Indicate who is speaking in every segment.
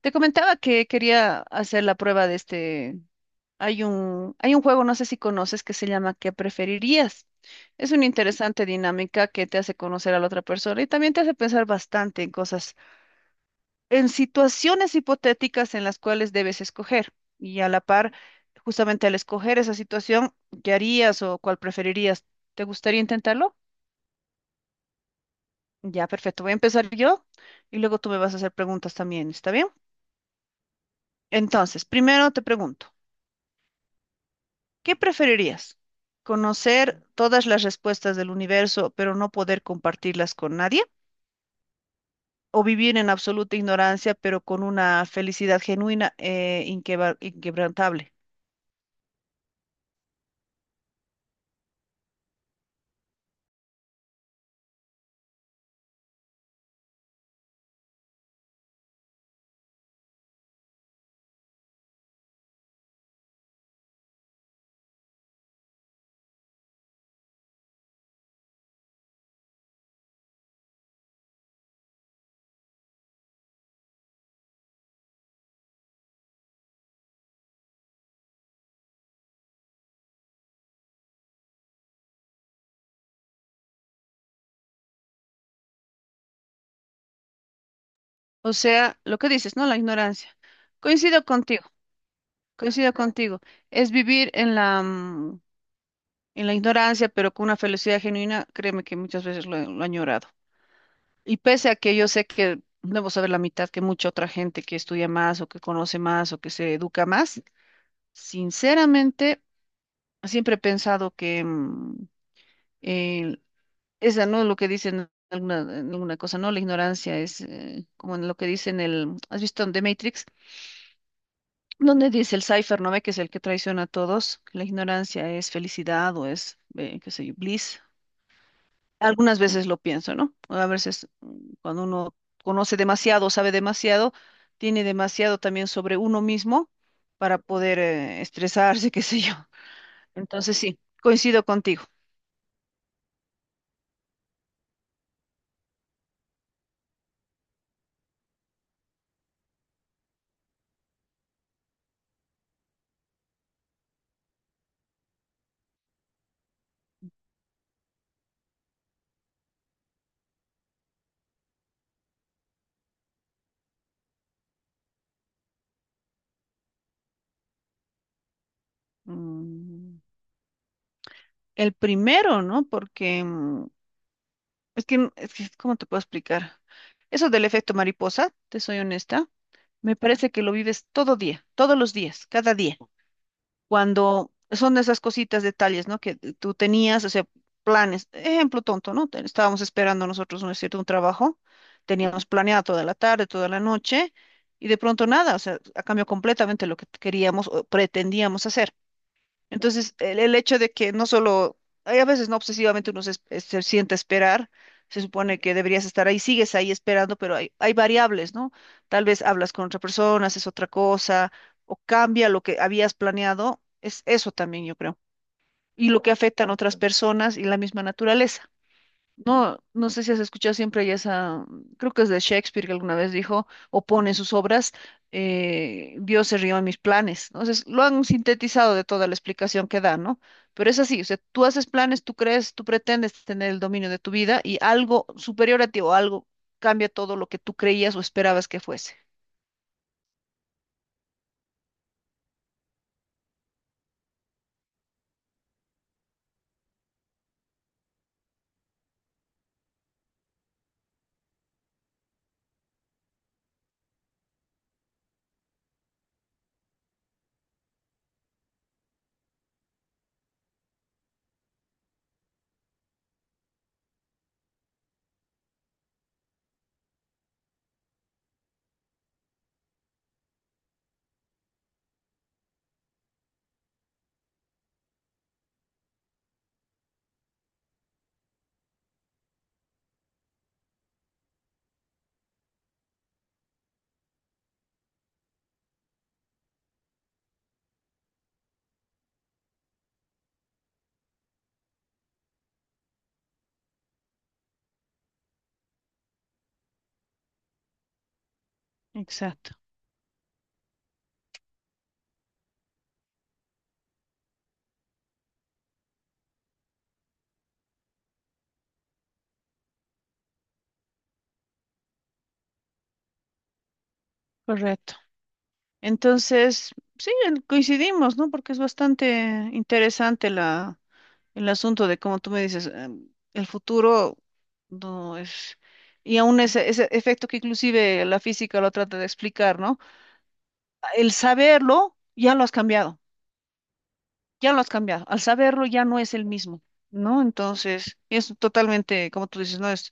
Speaker 1: Te comentaba que quería hacer la prueba de este. Hay un juego, no sé si conoces, que se llama ¿Qué preferirías? Es una interesante dinámica que te hace conocer a la otra persona y también te hace pensar bastante en cosas, en situaciones hipotéticas en las cuales debes escoger. Y a la par, justamente al escoger esa situación, ¿qué harías o cuál preferirías? ¿Te gustaría intentarlo? Ya, perfecto. Voy a empezar yo y luego tú me vas a hacer preguntas también, ¿está bien? Entonces, primero te pregunto. ¿Qué preferirías? ¿Conocer todas las respuestas del universo, pero no poder compartirlas con nadie? ¿O vivir en absoluta ignorancia, pero con una felicidad genuina e inquebrantable? O sea, lo que dices, ¿no? La ignorancia. Coincido contigo, coincido contigo. Es vivir en la, en la ignorancia, pero con una felicidad genuina, créeme que muchas veces lo he añorado. Y pese a que yo sé que debo saber la mitad que mucha otra gente que estudia más o que conoce más o que se educa más, sinceramente, siempre he pensado que el- esa no es lo que dicen en alguna cosa, no, la ignorancia es como en lo que dicen el, ¿has visto en The Matrix? Donde dice el Cypher, ¿no ve? Que es el que traiciona a todos, que la ignorancia es felicidad o es, qué sé yo, bliss. Algunas veces lo pienso, ¿no? A veces cuando uno conoce demasiado, sabe demasiado, tiene demasiado también sobre uno mismo para poder estresarse, qué sé yo. Entonces sí, coincido contigo. Mm, El primero, ¿no? Porque es que, ¿cómo te puedo explicar? Eso del efecto mariposa, te soy honesta, me parece que lo vives todo día, todos los días, cada día. Cuando son esas cositas, detalles, ¿no? Que tú tenías, o sea, planes. Ejemplo tonto, ¿no? Estábamos esperando nosotros, ¿no es cierto?, un trabajo. Teníamos planeado toda la tarde, toda la noche, y de pronto nada, o sea, ha cambiado completamente lo que queríamos o pretendíamos hacer. Entonces, el hecho de que no solo, hay a veces no obsesivamente uno se, se sienta a esperar, se supone que deberías estar ahí, sigues ahí esperando, pero hay variables, ¿no? Tal vez hablas con otra persona, haces otra cosa, o cambia lo que habías planeado, es eso también, yo creo. Y lo que afectan otras personas y la misma naturaleza. No sé si has escuchado siempre hay esa, creo que es de Shakespeare que alguna vez dijo, o pone en sus obras, Dios se rió en mis planes, ¿no? Entonces, lo han sintetizado de toda la explicación que da, ¿no? Pero es así, o sea, tú haces planes, tú crees, tú pretendes tener el dominio de tu vida y algo superior a ti o algo cambia todo lo que tú creías o esperabas que fuese. Exacto, correcto. Entonces, sí, coincidimos, ¿no? Porque es bastante interesante la. El asunto de, como tú me dices, el futuro no es... Y aún ese efecto que inclusive la física lo trata de explicar, ¿no? El saberlo ya lo has cambiado, ya lo has cambiado. Al saberlo ya no es el mismo, ¿no? Entonces, es totalmente, como tú dices, no es,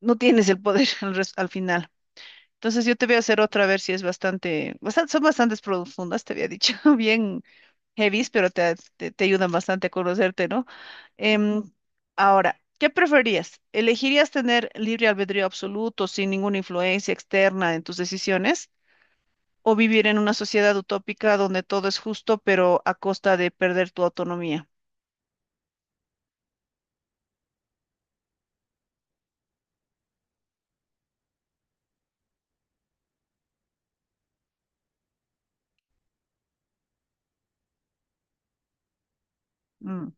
Speaker 1: no tienes el poder al final. Entonces yo te voy a hacer otra a ver si es bastante, son bastantes profundas, te había dicho, bien. Heavies, pero te ayudan bastante a conocerte, ¿no? Em, Ahora, ¿qué preferías? ¿Elegirías tener libre albedrío absoluto sin ninguna influencia externa en tus decisiones? ¿O vivir en una sociedad utópica donde todo es justo, pero a costa de perder tu autonomía? Mm,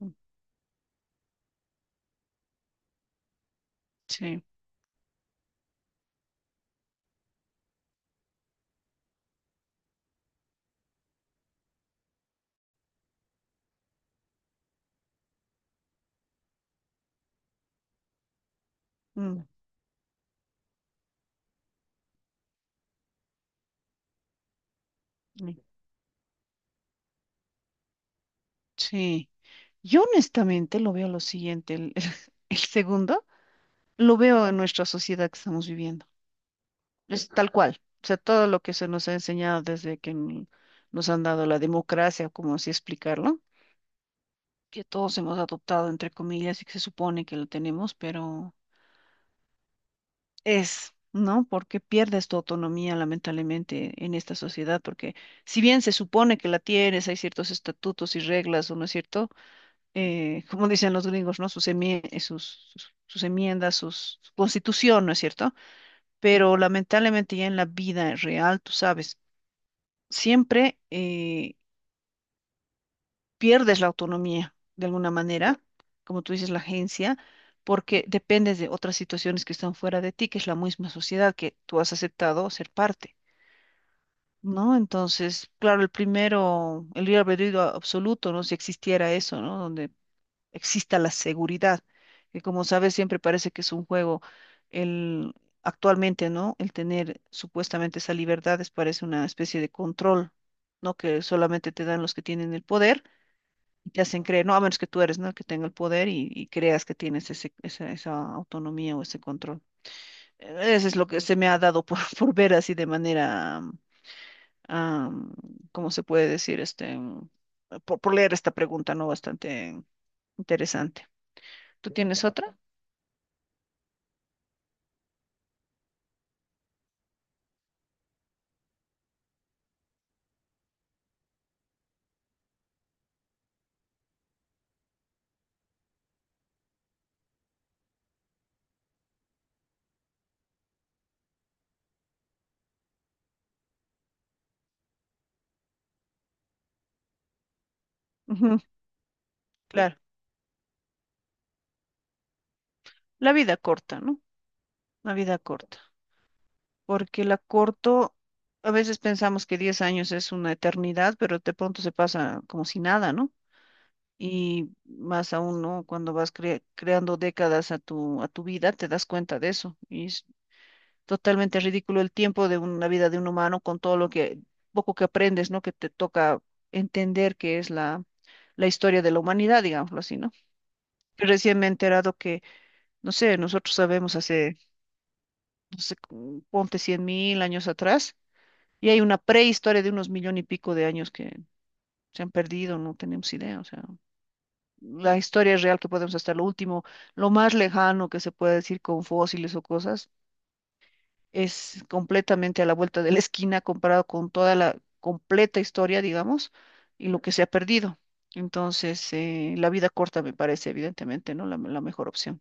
Speaker 1: mm, sí, mm, mm, sí. Yo honestamente lo veo lo siguiente, el, el segundo. Lo veo en nuestra sociedad que estamos viviendo. Es tal cual. O sea, todo lo que se nos ha enseñado desde que nos han dado la democracia, como así explicarlo, que todos hemos adoptado, entre comillas, y que se supone que lo tenemos, pero es, ¿no? Porque pierdes tu autonomía, lamentablemente, en esta sociedad, porque si bien se supone que la tienes, hay ciertos estatutos y reglas, ¿o no es cierto? Como dicen los gringos, ¿no? Sus, sus enmiendas, sus, su constitución, ¿no es cierto? Pero lamentablemente ya en la vida real, tú sabes, siempre pierdes la autonomía de alguna manera, como tú dices, la agencia, porque dependes de otras situaciones que están fuera de ti, que es la misma sociedad que tú has aceptado ser parte. ¿No? Entonces, claro, el primero, el libre albedrío absoluto, ¿no? Si existiera eso, ¿no? Donde exista la seguridad, que como sabes siempre parece que es un juego. El, actualmente, ¿no? El tener supuestamente esa libertad es parece una especie de control, ¿no? Que solamente te dan los que tienen el poder y te hacen creer, no, a menos que tú eres, ¿no? El que tenga el poder y creas que tienes ese, esa autonomía o ese control. Eso es lo que se me ha dado por, por ver así de manera, am, ¿cómo se puede decir? Por leer esta pregunta, ¿no? Bastante interesante. ¿Tú tienes otra? Ujú, claro. La vida corta, ¿no? La vida corta. Porque la corto, a veces pensamos que 10 años es una eternidad, pero de pronto se pasa como si nada, ¿no? Y más aún, ¿no? Cuando vas creando décadas a tu vida, te das cuenta de eso. Y es totalmente ridículo el tiempo de una vida de un humano con todo lo que, poco que aprendes, ¿no? Que te toca entender que es la, la historia de la humanidad, digámoslo así, ¿no? Que recién me he enterado que, no sé, nosotros sabemos hace, no sé, ponte 100.000 años atrás, y hay una prehistoria de unos 1.000.000 y pico de años que se han perdido, no tenemos idea, o sea. La historia real que podemos hasta lo último, lo más lejano que se puede decir con fósiles o cosas, es completamente a la vuelta de la esquina comparado con toda la completa historia, digamos, y lo que se ha perdido. Entonces, la vida corta me parece evidentemente, ¿no? la mejor opción.